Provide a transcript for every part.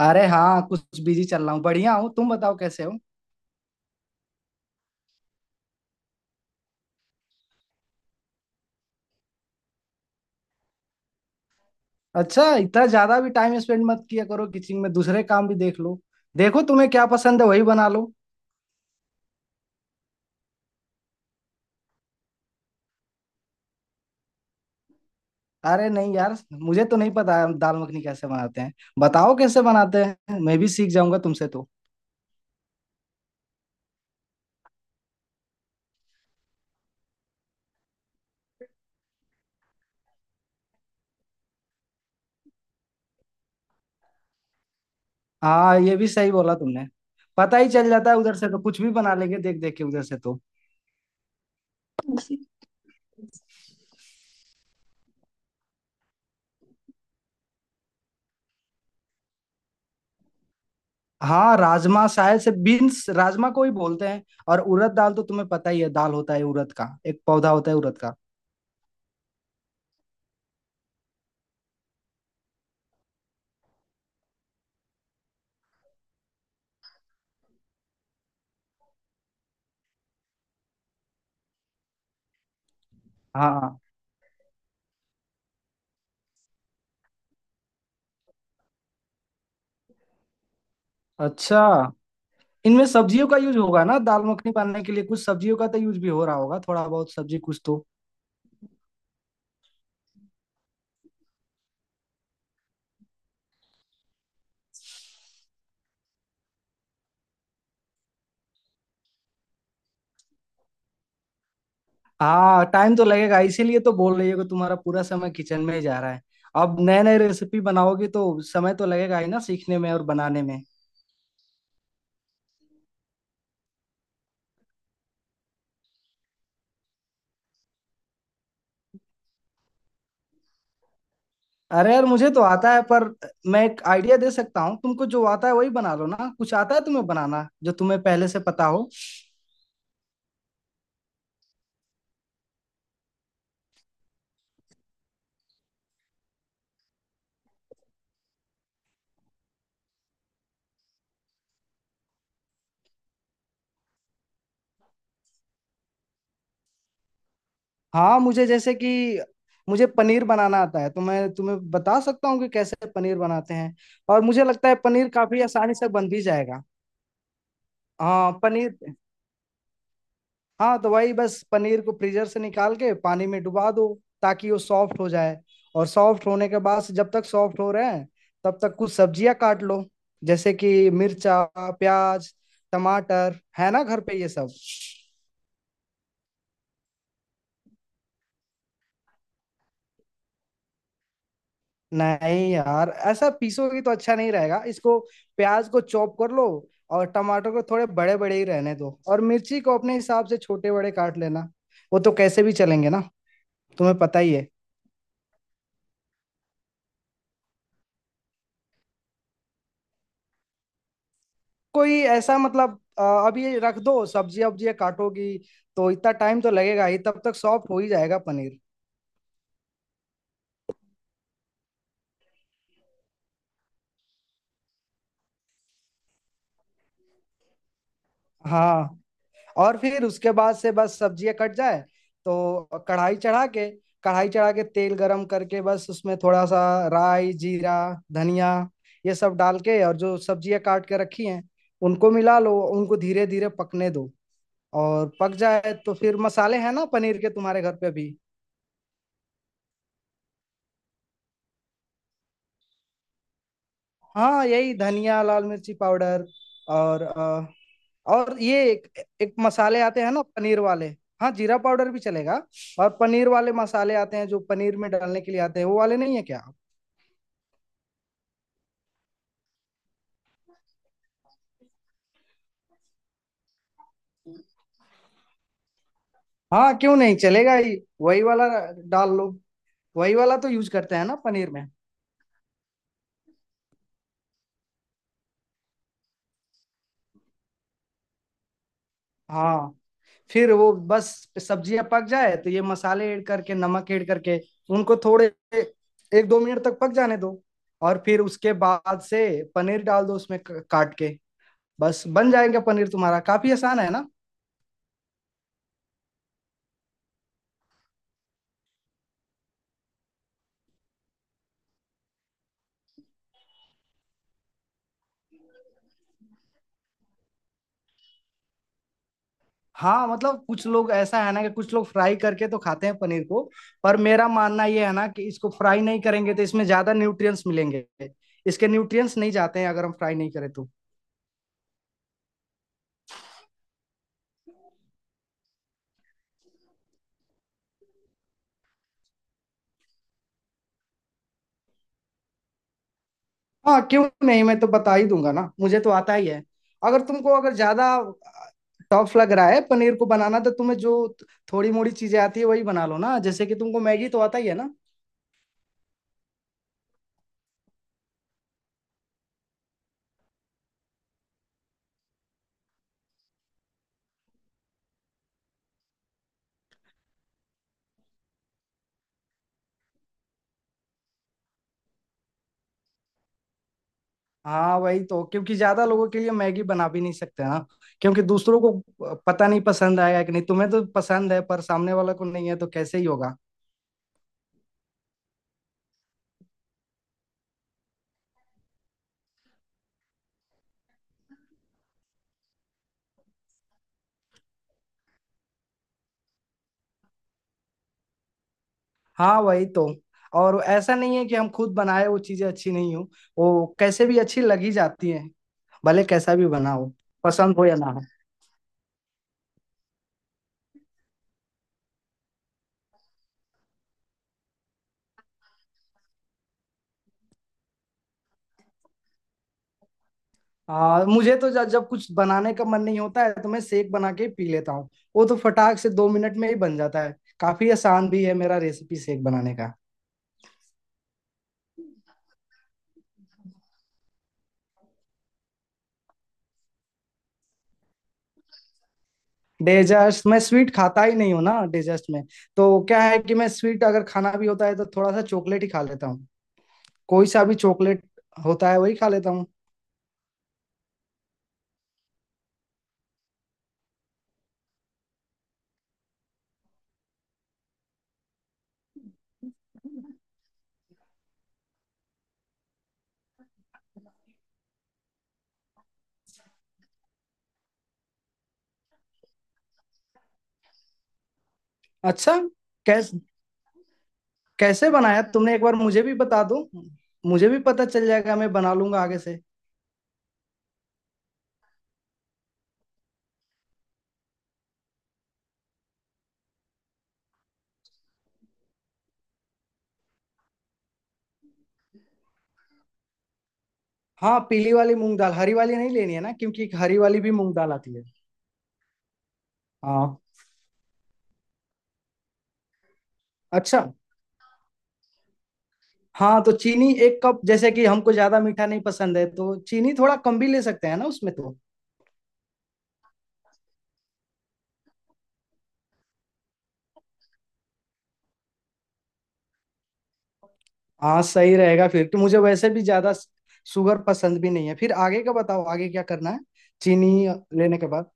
अरे हाँ, कुछ बिजी चल रहा हूँ। बढ़िया हूँ, तुम बताओ कैसे हो। अच्छा, इतना ज्यादा भी टाइम स्पेंड मत किया करो किचन में, दूसरे काम भी देख लो। देखो तुम्हें क्या पसंद है, वही बना लो। अरे नहीं यार, मुझे तो नहीं पता है दाल मखनी कैसे बनाते हैं। बताओ कैसे बनाते हैं, मैं भी सीख जाऊंगा तुमसे तो। हाँ, ये भी सही बोला तुमने। पता ही चल जाता है उधर से, तो कुछ भी बना लेंगे देख देख के उधर से तो। हाँ, राजमा शायद से, बीन्स राजमा को ही बोलते हैं। और उड़द दाल तो तुम्हें पता ही है, दाल होता है उड़द का, एक पौधा होता है उड़द का। हाँ। अच्छा, इनमें सब्जियों का यूज होगा ना दाल मखनी बनाने के लिए, कुछ सब्जियों का तो यूज भी हो रहा होगा, थोड़ा बहुत सब्जी कुछ तो। हाँ, टाइम तो लगेगा, इसीलिए तो बोल रही हो कि तुम्हारा पूरा समय किचन में ही जा रहा है। अब नए नए रेसिपी बनाओगी तो समय तो लगेगा ही ना, सीखने में और बनाने में। अरे यार, मुझे तो आता है, पर मैं एक आइडिया दे सकता हूँ तुमको, जो आता है वही बना लो ना, कुछ आता है तुम्हें बनाना जो तुम्हें पहले से पता हो। हाँ, मुझे जैसे कि मुझे पनीर बनाना आता है, तो मैं तुम्हें बता सकता हूँ कि कैसे पनीर बनाते हैं। और मुझे लगता है पनीर काफी आसानी से बन भी जाएगा। हाँ, पनीर। हाँ तो वही, बस पनीर को फ्रीजर से निकाल के पानी में डुबा दो, ताकि वो सॉफ्ट हो जाए। और सॉफ्ट होने के बाद से, जब तक सॉफ्ट हो रहे हैं, तब तक कुछ सब्जियां काट लो। जैसे कि मिर्चा, प्याज, टमाटर है ना घर पे ये सब। नहीं यार, ऐसा पीसोगे तो अच्छा नहीं रहेगा इसको। प्याज को चॉप कर लो, और टमाटर को थोड़े बड़े बड़े ही रहने दो, और मिर्ची को अपने हिसाब से छोटे बड़े काट लेना, वो तो कैसे भी चलेंगे ना। तुम्हें पता ही है, कोई ऐसा मतलब अब ये रख दो, सब्जी वब्जी काटोगी तो इतना टाइम तो लगेगा ही, तब तक सॉफ्ट हो ही जाएगा पनीर। हाँ। और फिर उसके बाद से बस सब्जियां कट जाए तो कढ़ाई चढ़ा के, कढ़ाई चढ़ा के तेल गरम करके, बस उसमें थोड़ा सा राई, जीरा, धनिया, ये सब डाल के, और जो सब्जियां काट के रखी हैं उनको मिला लो, उनको धीरे धीरे पकने दो। और पक जाए तो फिर मसाले हैं ना पनीर के तुम्हारे घर पे भी। हाँ, यही धनिया, लाल मिर्ची पाउडर, और और ये एक मसाले आते हैं ना पनीर वाले। हाँ, जीरा पाउडर भी चलेगा। और पनीर वाले मसाले आते हैं जो पनीर में डालने के लिए आते हैं, वो वाले नहीं है क्या। हाँ, क्यों नहीं, चलेगा ही। वही वाला डाल लो, वही वाला तो यूज करते हैं ना पनीर में। हाँ, फिर वो बस सब्जियां पक जाए तो ये मसाले ऐड करके, नमक ऐड करके उनको थोड़े एक दो मिनट तक पक जाने दो। और फिर उसके बाद से पनीर डाल दो उसमें काट के। बस बन जाएगा पनीर तुम्हारा, काफी आसान है ना। हाँ मतलब, कुछ लोग ऐसा है ना कि कुछ लोग फ्राई करके तो खाते हैं पनीर को, पर मेरा मानना ये है ना कि इसको फ्राई नहीं करेंगे तो इसमें ज्यादा न्यूट्रिएंट्स मिलेंगे। इसके न्यूट्रिएंट्स नहीं जाते हैं अगर हम फ्राई नहीं करें तो। हाँ क्यों नहीं, मैं तो बता ही दूंगा ना, मुझे तो आता ही है। अगर तुमको अगर ज्यादा टफ लग रहा है पनीर को बनाना, तो तुम्हें जो थोड़ी मोड़ी चीजें आती है वही बना लो ना, जैसे कि तुमको मैगी तो आता ही है ना। हाँ वही तो, क्योंकि ज्यादा लोगों के लिए मैगी बना भी नहीं सकते ना, क्योंकि दूसरों को पता नहीं पसंद आएगा कि नहीं, तुम्हें तो पसंद है पर सामने वाला को नहीं है तो कैसे ही होगा। हाँ वही तो, और ऐसा नहीं है कि हम खुद बनाए वो चीजें अच्छी नहीं हो, वो कैसे भी अच्छी लग ही जाती है, भले कैसा भी बना हो, पसंद हो या ना हो। मुझे तो जब जब कुछ बनाने का मन नहीं होता है तो मैं शेक बना के पी लेता हूँ। वो तो फटाक से दो मिनट में ही बन जाता है, काफी आसान भी है मेरा रेसिपी शेक बनाने का। डेजर्ट्स, मैं स्वीट खाता ही नहीं हूँ ना डेजर्ट्स में। तो क्या है कि मैं स्वीट अगर खाना भी होता है तो थोड़ा सा चॉकलेट ही खा लेता हूँ, कोई सा भी चॉकलेट होता है वही खा लेता हूँ। अच्छा। कैस कैसे बनाया तुमने, एक बार मुझे भी बता दो, मुझे भी पता चल जाएगा, मैं बना लूंगा आगे से। हाँ, पीली वाली मूंग दाल, हरी वाली नहीं लेनी है ना, क्योंकि एक हरी वाली भी मूंग दाल आती है। हाँ। अच्छा। हाँ, तो चीनी एक कप, जैसे कि हमको ज्यादा मीठा नहीं पसंद है तो चीनी थोड़ा कम भी ले सकते हैं ना उसमें तो। हाँ, सही रहेगा फिर तो, मुझे वैसे भी ज्यादा शुगर पसंद भी नहीं है। फिर आगे का बताओ, आगे क्या करना है, चीनी लेने के बाद।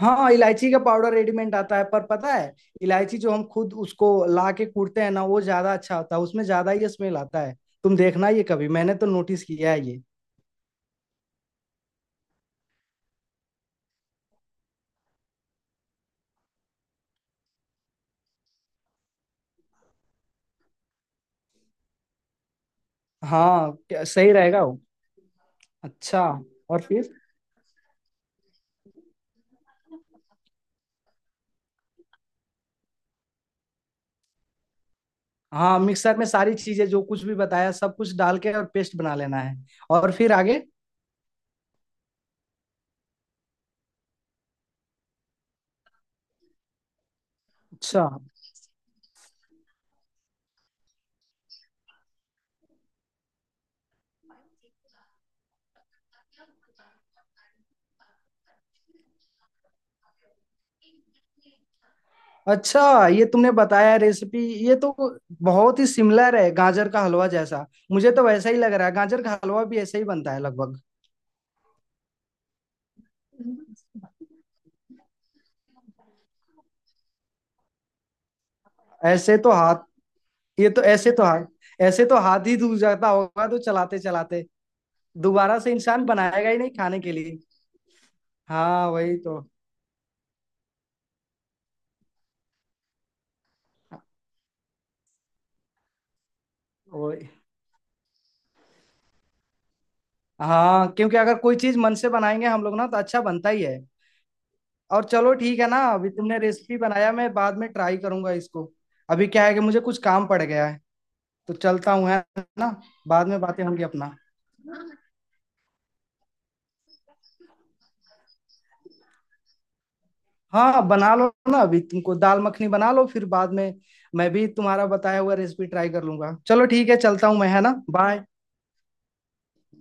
हाँ हाँ, इलायची का पाउडर रेडीमेड आता है, पर पता है इलायची जो हम खुद उसको ला के कूटते हैं ना, वो ज्यादा अच्छा होता है, उसमें ज्यादा ही स्मेल आता है। तुम देखना ये, कभी मैंने तो नोटिस किया है ये। हाँ सही रहेगा वो। अच्छा, और फिर? हाँ, मिक्सर में सारी चीजें जो कुछ भी बताया सब कुछ डाल के और पेस्ट बना लेना है, और फिर आगे? अच्छा। अच्छा, ये तुमने बताया रेसिपी, ये तो बहुत ही सिमिलर है गाजर का हलवा जैसा। मुझे तो वैसा ही लग रहा है, गाजर का हलवा भी ऐसे ही बनता है लगभग। ऐसे तो हाथ ये तो ऐसे तो हाथ ऐसे तो हाथ ही दूर जाता होगा तो चलाते चलाते, दोबारा से इंसान बनाएगा ही नहीं खाने के लिए। हाँ वही तो। वही। हाँ, क्योंकि अगर कोई चीज मन से बनाएंगे हम लोग ना तो अच्छा बनता ही है। और चलो ठीक है ना, अभी तुमने रेसिपी बनाया, मैं बाद में ट्राई करूंगा इसको। अभी क्या है कि मुझे कुछ काम पड़ गया है, तो चलता हूँ है ना। बाद में बातें होंगी अपना। हाँ बना लो ना, अभी तुमको दाल मखनी बना लो, फिर बाद में मैं भी तुम्हारा बताया हुआ रेसिपी ट्राई कर लूंगा। चलो ठीक है, चलता हूँ मैं है ना, बाय।